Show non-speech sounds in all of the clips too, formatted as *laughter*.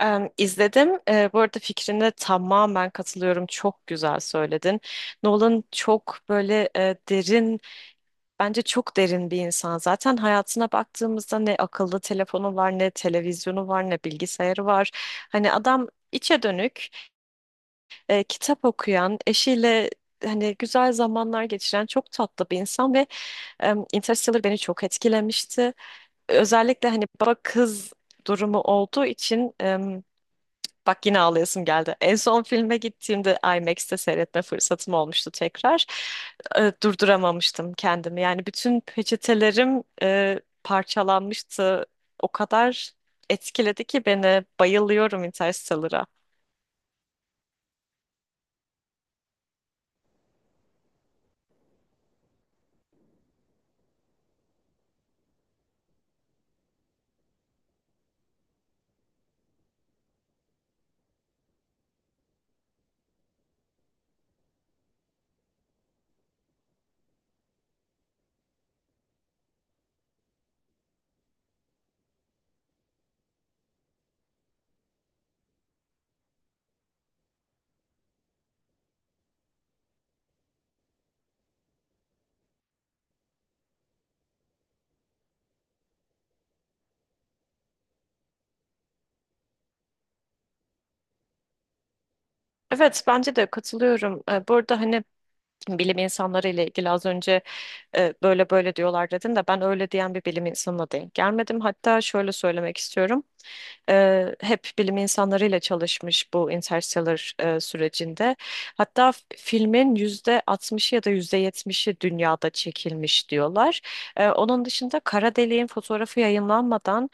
Em, izledim. Bu arada fikrine tamamen katılıyorum. Çok güzel söyledin. Nolan çok böyle derin, bence çok derin bir insan. Zaten hayatına baktığımızda ne akıllı telefonu var, ne televizyonu var, ne bilgisayarı var. Hani adam içe dönük, kitap okuyan, eşiyle hani güzel zamanlar geçiren çok tatlı bir insan ve Interstellar beni çok etkilemişti. Özellikle hani baba kız durumu olduğu için bak, yine ağlayasım geldi. En son filme gittiğimde IMAX'te seyretme fırsatım olmuştu tekrar. Durduramamıştım kendimi. Yani bütün peçetelerim parçalanmıştı. O kadar etkiledi ki beni. Bayılıyorum Interstellar'a. Evet, bence de katılıyorum. Bu arada hani bilim insanları ile ilgili az önce böyle böyle diyorlar dedin de ben öyle diyen bir bilim insanına denk gelmedim. Hatta şöyle söylemek istiyorum. Hep bilim insanlarıyla çalışmış bu Interstellar sürecinde. Hatta filmin yüzde 60'ı ya da yüzde 70'i dünyada çekilmiş diyorlar. Onun dışında kara deliğin fotoğrafı yayınlanmadan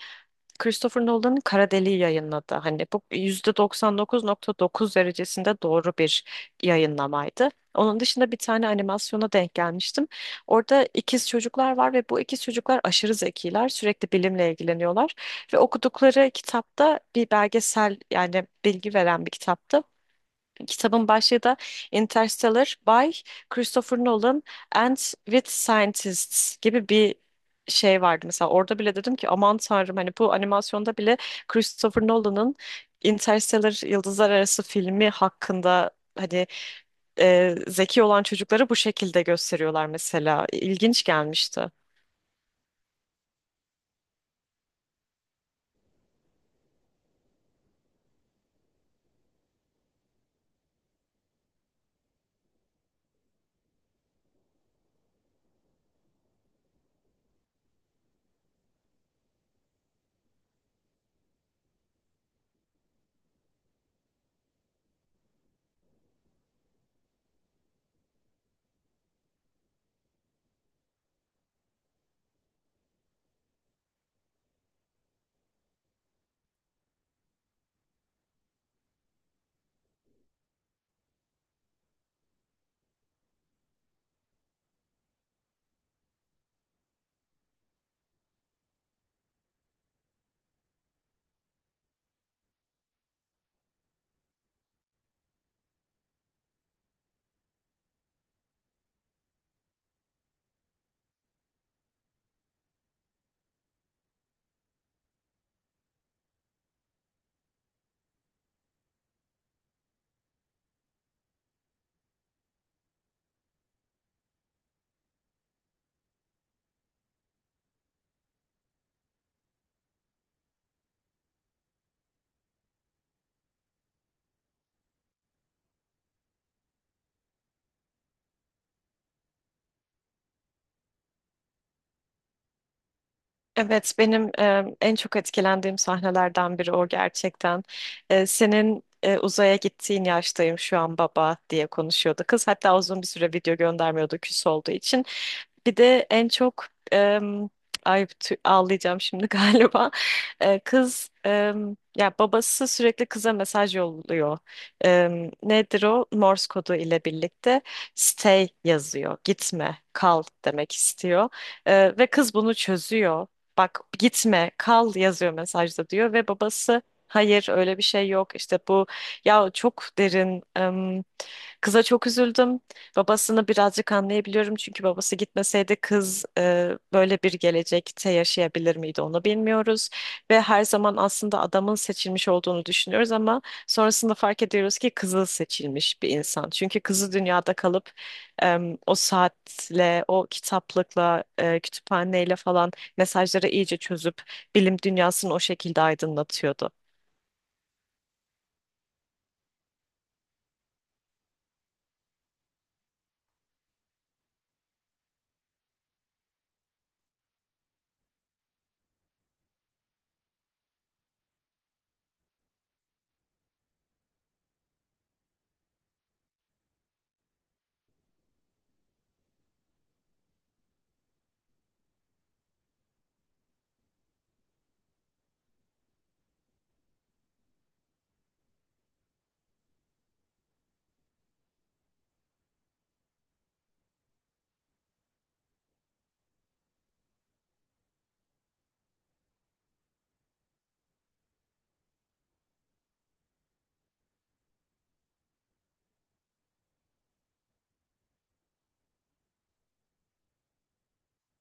Christopher Nolan'ın Kara Deliği yayınladı. Hani bu %99,9 derecesinde doğru bir yayınlamaydı. Onun dışında bir tane animasyona denk gelmiştim. Orada ikiz çocuklar var ve bu ikiz çocuklar aşırı zekiler. Sürekli bilimle ilgileniyorlar. Ve okudukları kitapta bir belgesel, yani bilgi veren bir kitaptı. Kitabın başlığı da Interstellar by Christopher Nolan and with Scientists gibi bir şey vardı. Mesela orada bile dedim ki aman tanrım, hani bu animasyonda bile Christopher Nolan'ın Interstellar Yıldızlar Arası filmi hakkında hani zeki olan çocukları bu şekilde gösteriyorlar mesela. İlginç gelmişti. Evet, benim en çok etkilendiğim sahnelerden biri o gerçekten. Senin uzaya gittiğin yaştayım şu an baba diye konuşuyordu kız. Hatta uzun bir süre video göndermiyordu küs olduğu için. Bir de en çok em, ay, ağlayacağım şimdi *laughs* galiba. Kız ya, babası sürekli kıza mesaj yolluyor. Nedir o? Morse kodu ile birlikte stay yazıyor. Gitme, kal demek istiyor. Ve kız bunu çözüyor. Bak, gitme, kal yazıyor mesajda diyor ve babası hayır öyle bir şey yok işte, bu ya çok derin. Kıza çok üzüldüm. Babasını birazcık anlayabiliyorum çünkü babası gitmeseydi kız böyle bir gelecekte yaşayabilir miydi onu bilmiyoruz. Ve her zaman aslında adamın seçilmiş olduğunu düşünüyoruz ama sonrasında fark ediyoruz ki kızı seçilmiş bir insan. Çünkü kızı dünyada kalıp o saatle, o kitaplıkla, kütüphaneyle falan mesajları iyice çözüp bilim dünyasını o şekilde aydınlatıyordu.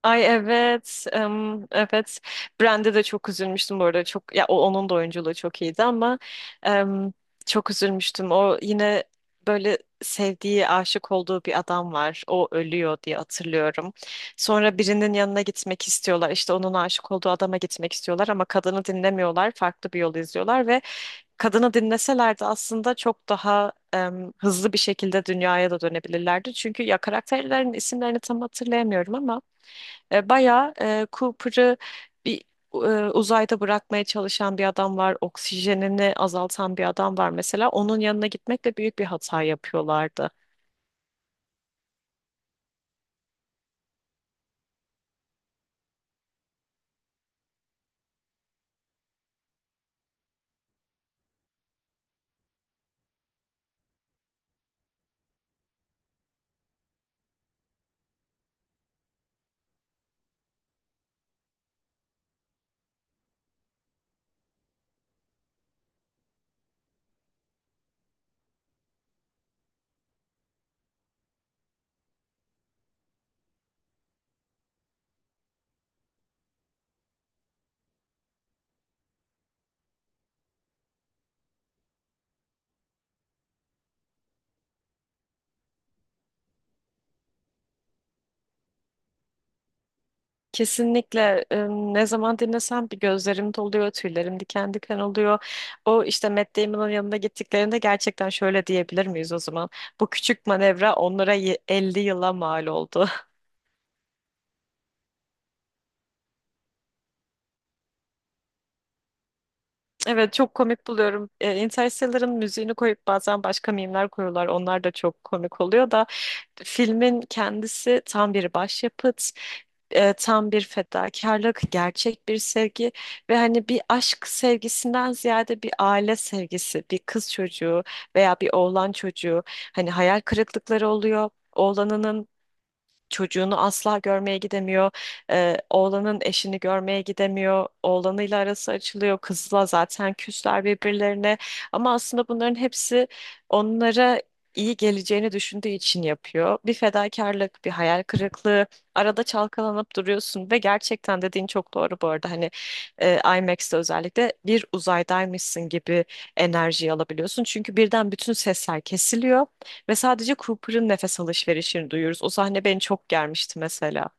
Ay evet, evet. Brand'e de çok üzülmüştüm bu arada. Çok ya onun da oyunculuğu çok iyiydi ama em, çok üzülmüştüm. O yine böyle sevdiği, aşık olduğu bir adam var. O ölüyor diye hatırlıyorum. Sonra birinin yanına gitmek istiyorlar. İşte onun aşık olduğu adama gitmek istiyorlar ama kadını dinlemiyorlar. Farklı bir yol izliyorlar ve kadını dinleselerdi aslında çok daha hızlı bir şekilde dünyaya da dönebilirlerdi. Çünkü ya karakterlerin isimlerini tam hatırlayamıyorum ama bayağı Cooper'ı bir uzayda bırakmaya çalışan bir adam var. Oksijenini azaltan bir adam var mesela. Onun yanına gitmekle büyük bir hata yapıyorlardı. Kesinlikle ne zaman dinlesem bir gözlerim doluyor, tüylerim diken diken oluyor. O işte Matt Damon'ın yanına gittiklerinde gerçekten şöyle diyebilir miyiz o zaman? Bu küçük manevra onlara 50 yıla mal oldu. Evet, çok komik buluyorum. Interstellar'ın müziğini koyup bazen başka mimler koyuyorlar. Onlar da çok komik oluyor da filmin kendisi tam bir başyapıt, tam bir fedakarlık, gerçek bir sevgi ve hani bir aşk sevgisinden ziyade bir aile sevgisi, bir kız çocuğu veya bir oğlan çocuğu, hani hayal kırıklıkları oluyor. Oğlanının çocuğunu asla görmeye gidemiyor. Oğlanın eşini görmeye gidemiyor. Oğlanıyla arası açılıyor. Kızla zaten küsler birbirlerine. Ama aslında bunların hepsi onlara iyi geleceğini düşündüğü için yapıyor. Bir fedakarlık, bir hayal kırıklığı. Arada çalkalanıp duruyorsun ve gerçekten dediğin çok doğru bu arada. Hani IMAX'te özellikle bir uzaydaymışsın gibi enerjiyi alabiliyorsun. Çünkü birden bütün sesler kesiliyor. Ve sadece Cooper'ın nefes alışverişini duyuyoruz. O sahne beni çok germişti mesela.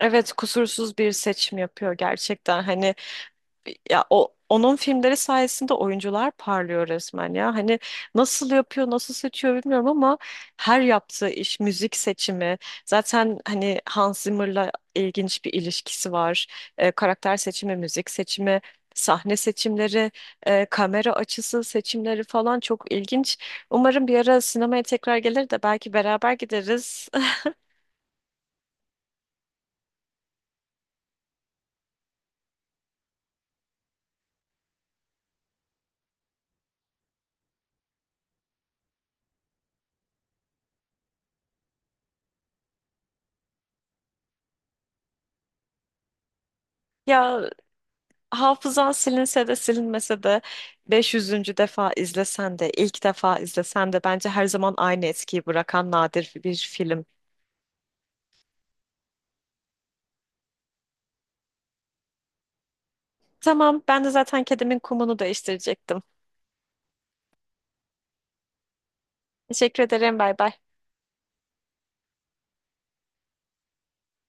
Evet, kusursuz bir seçim yapıyor gerçekten. Hani ya o, onun filmleri sayesinde oyuncular parlıyor resmen ya. Hani nasıl yapıyor, nasıl seçiyor bilmiyorum ama her yaptığı iş, müzik seçimi, zaten hani Hans Zimmer'la ilginç bir ilişkisi var. Karakter seçimi, müzik seçimi, sahne seçimleri, kamera açısı seçimleri falan çok ilginç. Umarım bir ara sinemaya tekrar gelir de belki beraber gideriz. *laughs* Ya, hafızan silinse de silinmese de 500. defa izlesen de ilk defa izlesen de bence her zaman aynı etkiyi bırakan nadir bir film. Tamam, ben de zaten kedimin kumunu değiştirecektim. Teşekkür ederim. Bay bay.